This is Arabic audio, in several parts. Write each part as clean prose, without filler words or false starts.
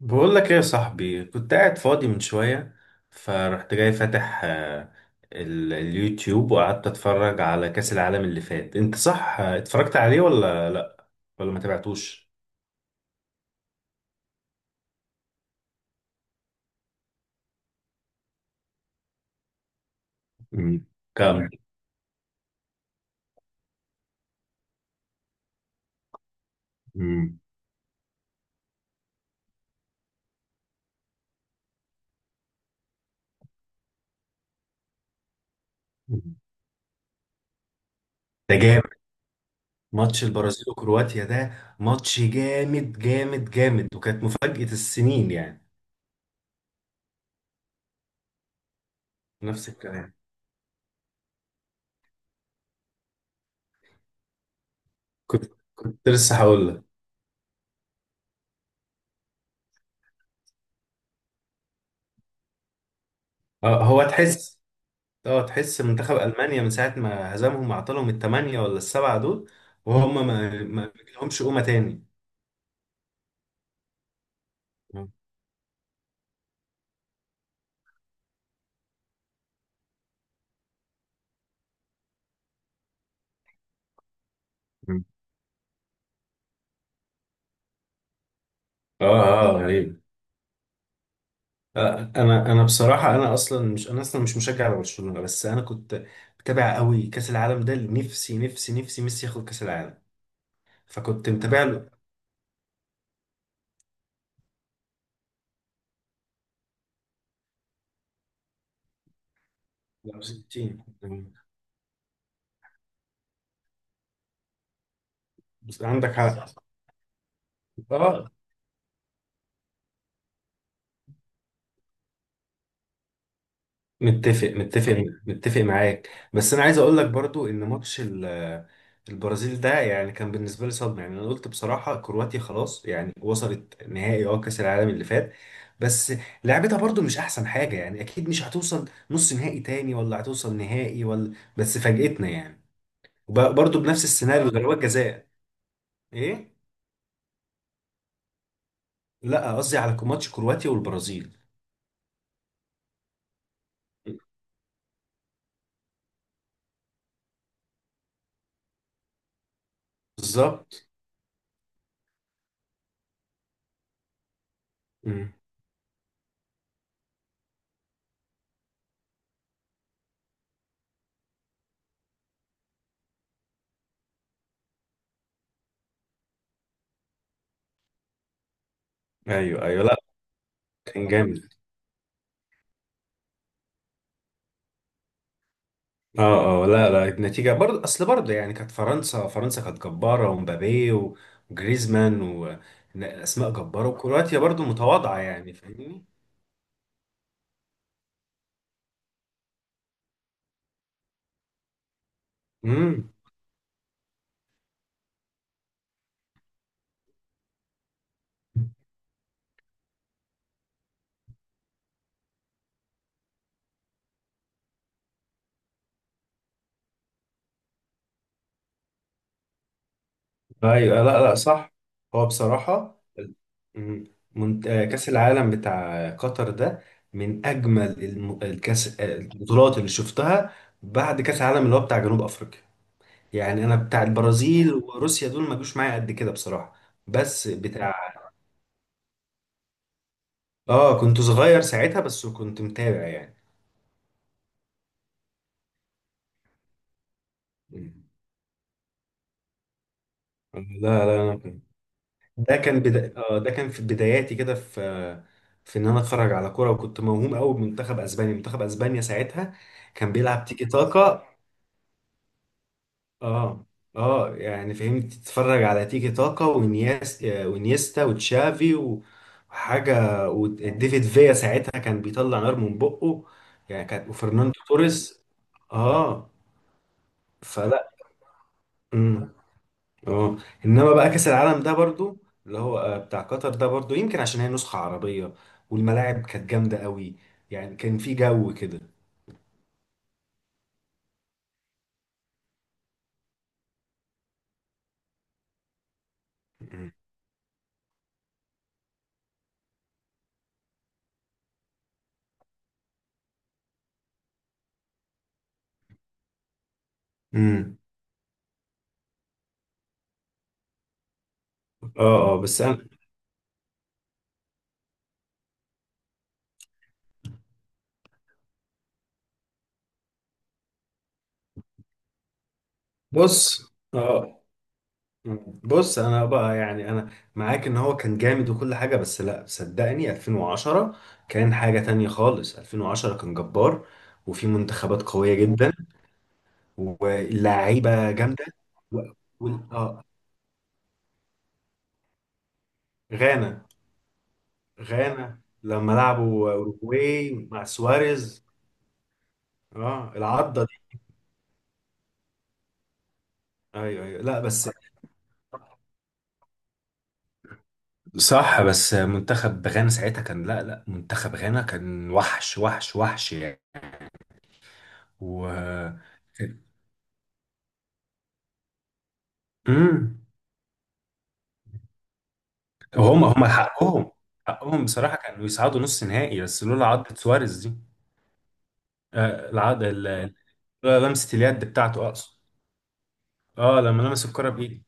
بقول لك ايه يا صاحبي؟ كنت قاعد فاضي من شوية، فرحت جاي فاتح اليوتيوب، وقعدت اتفرج على كأس العالم اللي فات. انت صح اتفرجت عليه ولا لا؟ ولا ما تابعتوش؟ مم. كام؟ مم. ده جامد. ماتش البرازيل وكرواتيا ده ماتش جامد جامد جامد، وكانت مفاجأة السنين يعني. نفس الكلام. كنت لسه هقول لك. هو تحس، منتخب ألمانيا من ساعة ما هزمهم وعطلهم الثمانية ولا السبعة دول، وهم ما لهمش قومة تاني. اه، اه، غريب. انا بصراحة، انا اصلا مش مشجع لبرشلونة، بس انا كنت متابع قوي كأس العالم ده، نفسي نفسي نفسي ميسي ياخد كأس العالم، فكنت متابع له. 60. عندك حق. اه، متفق متفق متفق معاك. بس انا عايز اقول لك برضو ان ماتش البرازيل ده يعني كان بالنسبه لي صدمه. يعني انا قلت بصراحه كرواتيا خلاص، يعني وصلت نهائي كاس العالم اللي فات، بس لعبتها برضو مش احسن حاجه يعني، اكيد مش هتوصل نص نهائي تاني ولا هتوصل نهائي ولا، بس فاجئتنا يعني. برضو بنفس السيناريو، ضربات جزاء. ايه؟ لا، قصدي على ماتش كرواتيا والبرازيل. بالظبط. مم. ايوه، ايوه، لا، كان جامد. اه، اه، لا، لا، النتيجة برضه. اصل برضه يعني كانت فرنسا كانت جبارة، ومبابي وجريزمان واسماء جبارة، وكرواتيا برضه متواضعة يعني. فاهمني؟ امم. ايوه، لا، لا، صح. هو بصراحة. مم. كأس العالم بتاع قطر ده من أجمل الم- الكأس آه، البطولات اللي شفتها بعد كأس العالم اللي هو بتاع جنوب أفريقيا. يعني أنا بتاع البرازيل وروسيا دول ما جوش معايا قد كده بصراحة. بس بتاع، اه كنت صغير ساعتها بس كنت متابع يعني. مم. لا، لا، ده كان بدا... آه ده كان في بداياتي كده، في ان انا اتفرج على كوره، وكنت موهوم قوي بمنتخب اسبانيا، منتخب اسبانيا ساعتها كان بيلعب تيكي تاكا. اه، اه، يعني فهمت، تتفرج على تيكي تاكا ونياس آه، ونيستا وتشافي وحاجه، وديفيد فيا ساعتها كان بيطلع نار من بقه يعني. كان وفرناندو توريس. اه. فلا. اه. انما بقى كاس العالم ده برضو، اللي هو بتاع قطر ده، برضو يمكن عشان هي نسخة عربية، والملاعب كانت جامدة قوي، يعني كان في جو كده. مم. امم. اه، اه، بس انا. بص اه مم. بص انا بقى يعني انا معاك ان هو كان جامد وكل حاجه، بس لا، صدقني 2010 كان حاجه تانية خالص. 2010 كان جبار، وفي منتخبات قويه جدا، واللعيبه جامده و... وال... اه غانا غانا لما لعبوا اوروجواي مع سواريز. اه، العضه دي. ايوه، ايوه، لا، بس صح. بس منتخب غانا ساعتها كان، لا، لا، منتخب غانا كان وحش وحش وحش يعني. و، امم، هم حقهم بصراحة كانوا يصعدوا نص نهائي، بس لولا عضة سواريز دي. آه العض ال- ال- لولا لمسة اليد بتاعته اقصد. اه، لما لمس الكرة بإيده.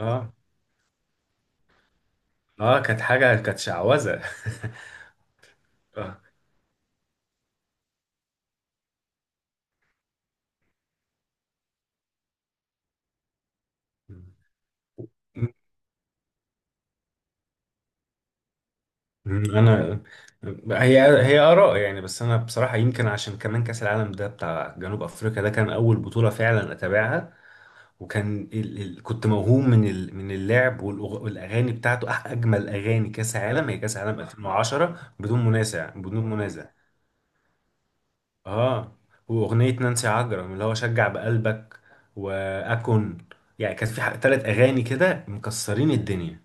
اه، اه، كانت حاجة كانت شعوذة. اه. انا، هي هي اراء يعني، بس انا بصراحه يمكن عشان كمان كاس العالم ده بتاع جنوب افريقيا ده كان اول بطوله فعلا اتابعها. وكان كنت موهوم من من اللعب، والاغاني بتاعته. اجمل اغاني كاس عالم هي كاس عالم 2010، بدون منازع بدون منازع. اه. واغنيه نانسي عجرم اللي هو شجع بقلبك واكون، يعني كان في 3 اغاني كده مكسرين الدنيا.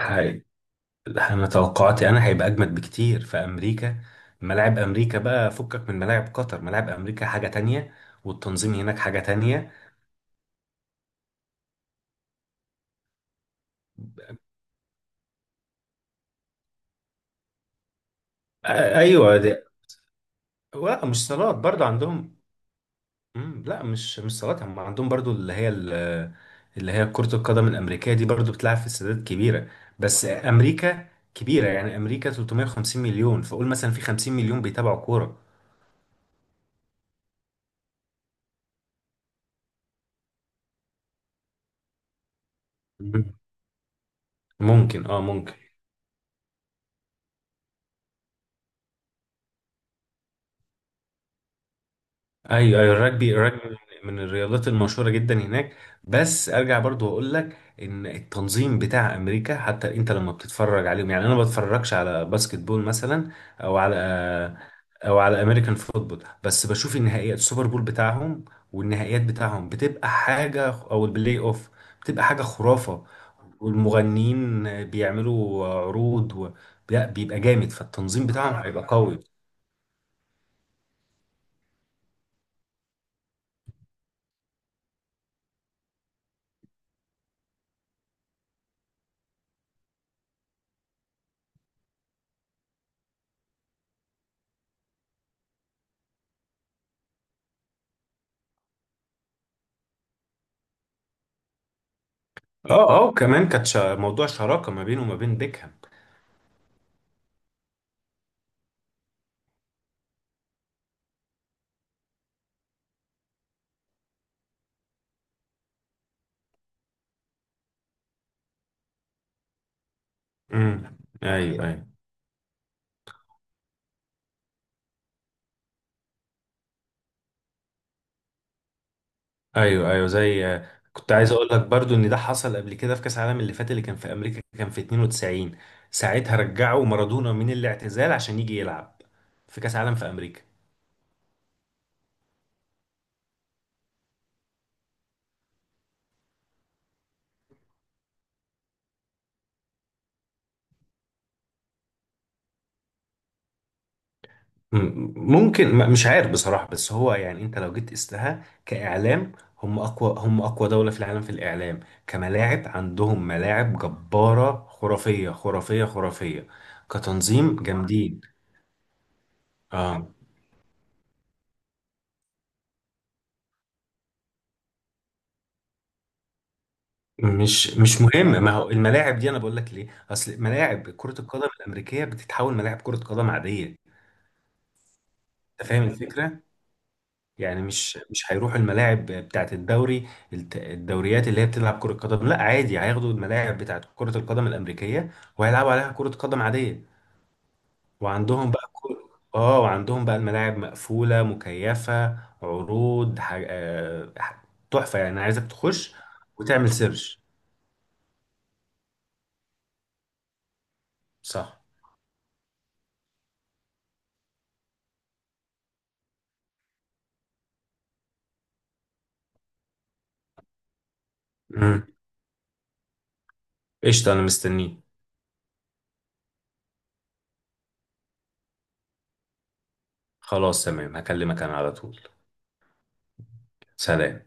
مم. لا، انا توقعاتي هيبقى اجمد بكتير في امريكا. ملاعب امريكا بقى فكك من ملاعب قطر، ملاعب امريكا حاجة تانية، والتنظيم هناك حاجة تانية. ايوه دي. لا، مش صالات برضو عندهم. لا، مش صالات، هم عندهم برضو اللي هي اللي هي كرة القدم الأمريكية دي برضو بتلعب في استادات كبيرة. بس أمريكا كبيرة يعني، أمريكا 350 مليون، فقول مثلا في 50 مليون بيتابعوا كورة. مم. ممكن. ايوه، ايوه، الرجبي من الرياضات المشهوره جدا هناك. بس ارجع برضو اقول لك ان التنظيم بتاع امريكا، حتى انت لما بتتفرج عليهم يعني، انا ما بتفرجش على باسكت بول مثلا، او على او على امريكان فوتبول، بس بشوف النهائيات، السوبر بول بتاعهم والنهائيات بتاعهم بتبقى حاجه، او البلاي اوف بتبقى حاجه خرافه، والمغنيين بيعملوا عروض لا، بيبقى جامد، فالتنظيم بتاعهم هيبقى قوي. اه، اه، وكمان كانت موضوع شراكه ما بينه وما بين بيكهام. امم، ايوه، ايوه، ايوه، ايوه، كنت عايز اقول لك برضو ان ده حصل قبل كده في كاس العالم اللي فات اللي كان في امريكا، كان في 92، ساعتها رجعوا مارادونا من الاعتزال عشان يجي يلعب في كاس العالم في امريكا. ممكن، مش عارف بصراحه، بس هو يعني، انت لو جيت قستها كاعلام، هم اقوى دوله في العالم في الاعلام، كملاعب عندهم ملاعب جباره خرافيه خرافيه خرافيه، كتنظيم جامدين. اه، مش مهم، ما هو الملاعب دي انا بقول لك ليه، اصل ملاعب كرة القدم الامريكية بتتحول ملاعب كرة قدم عادية. انت فاهم الفكرة يعني، مش هيروحوا الملاعب بتاعت الدوري الدوريات اللي هي بتلعب كرة قدم، لا عادي، هياخدوا الملاعب بتاعت كرة القدم الامريكية وهيلعبوا عليها كرة قدم عادية. وعندهم بقى كل... اه وعندهم بقى الملاعب مقفولة مكيفة، عروض تحفة يعني، عايزك تخش وتعمل سيرش. صح. قشطة، أنا مستنيك. خلاص تمام، هكلمك أنا على طول. سلام.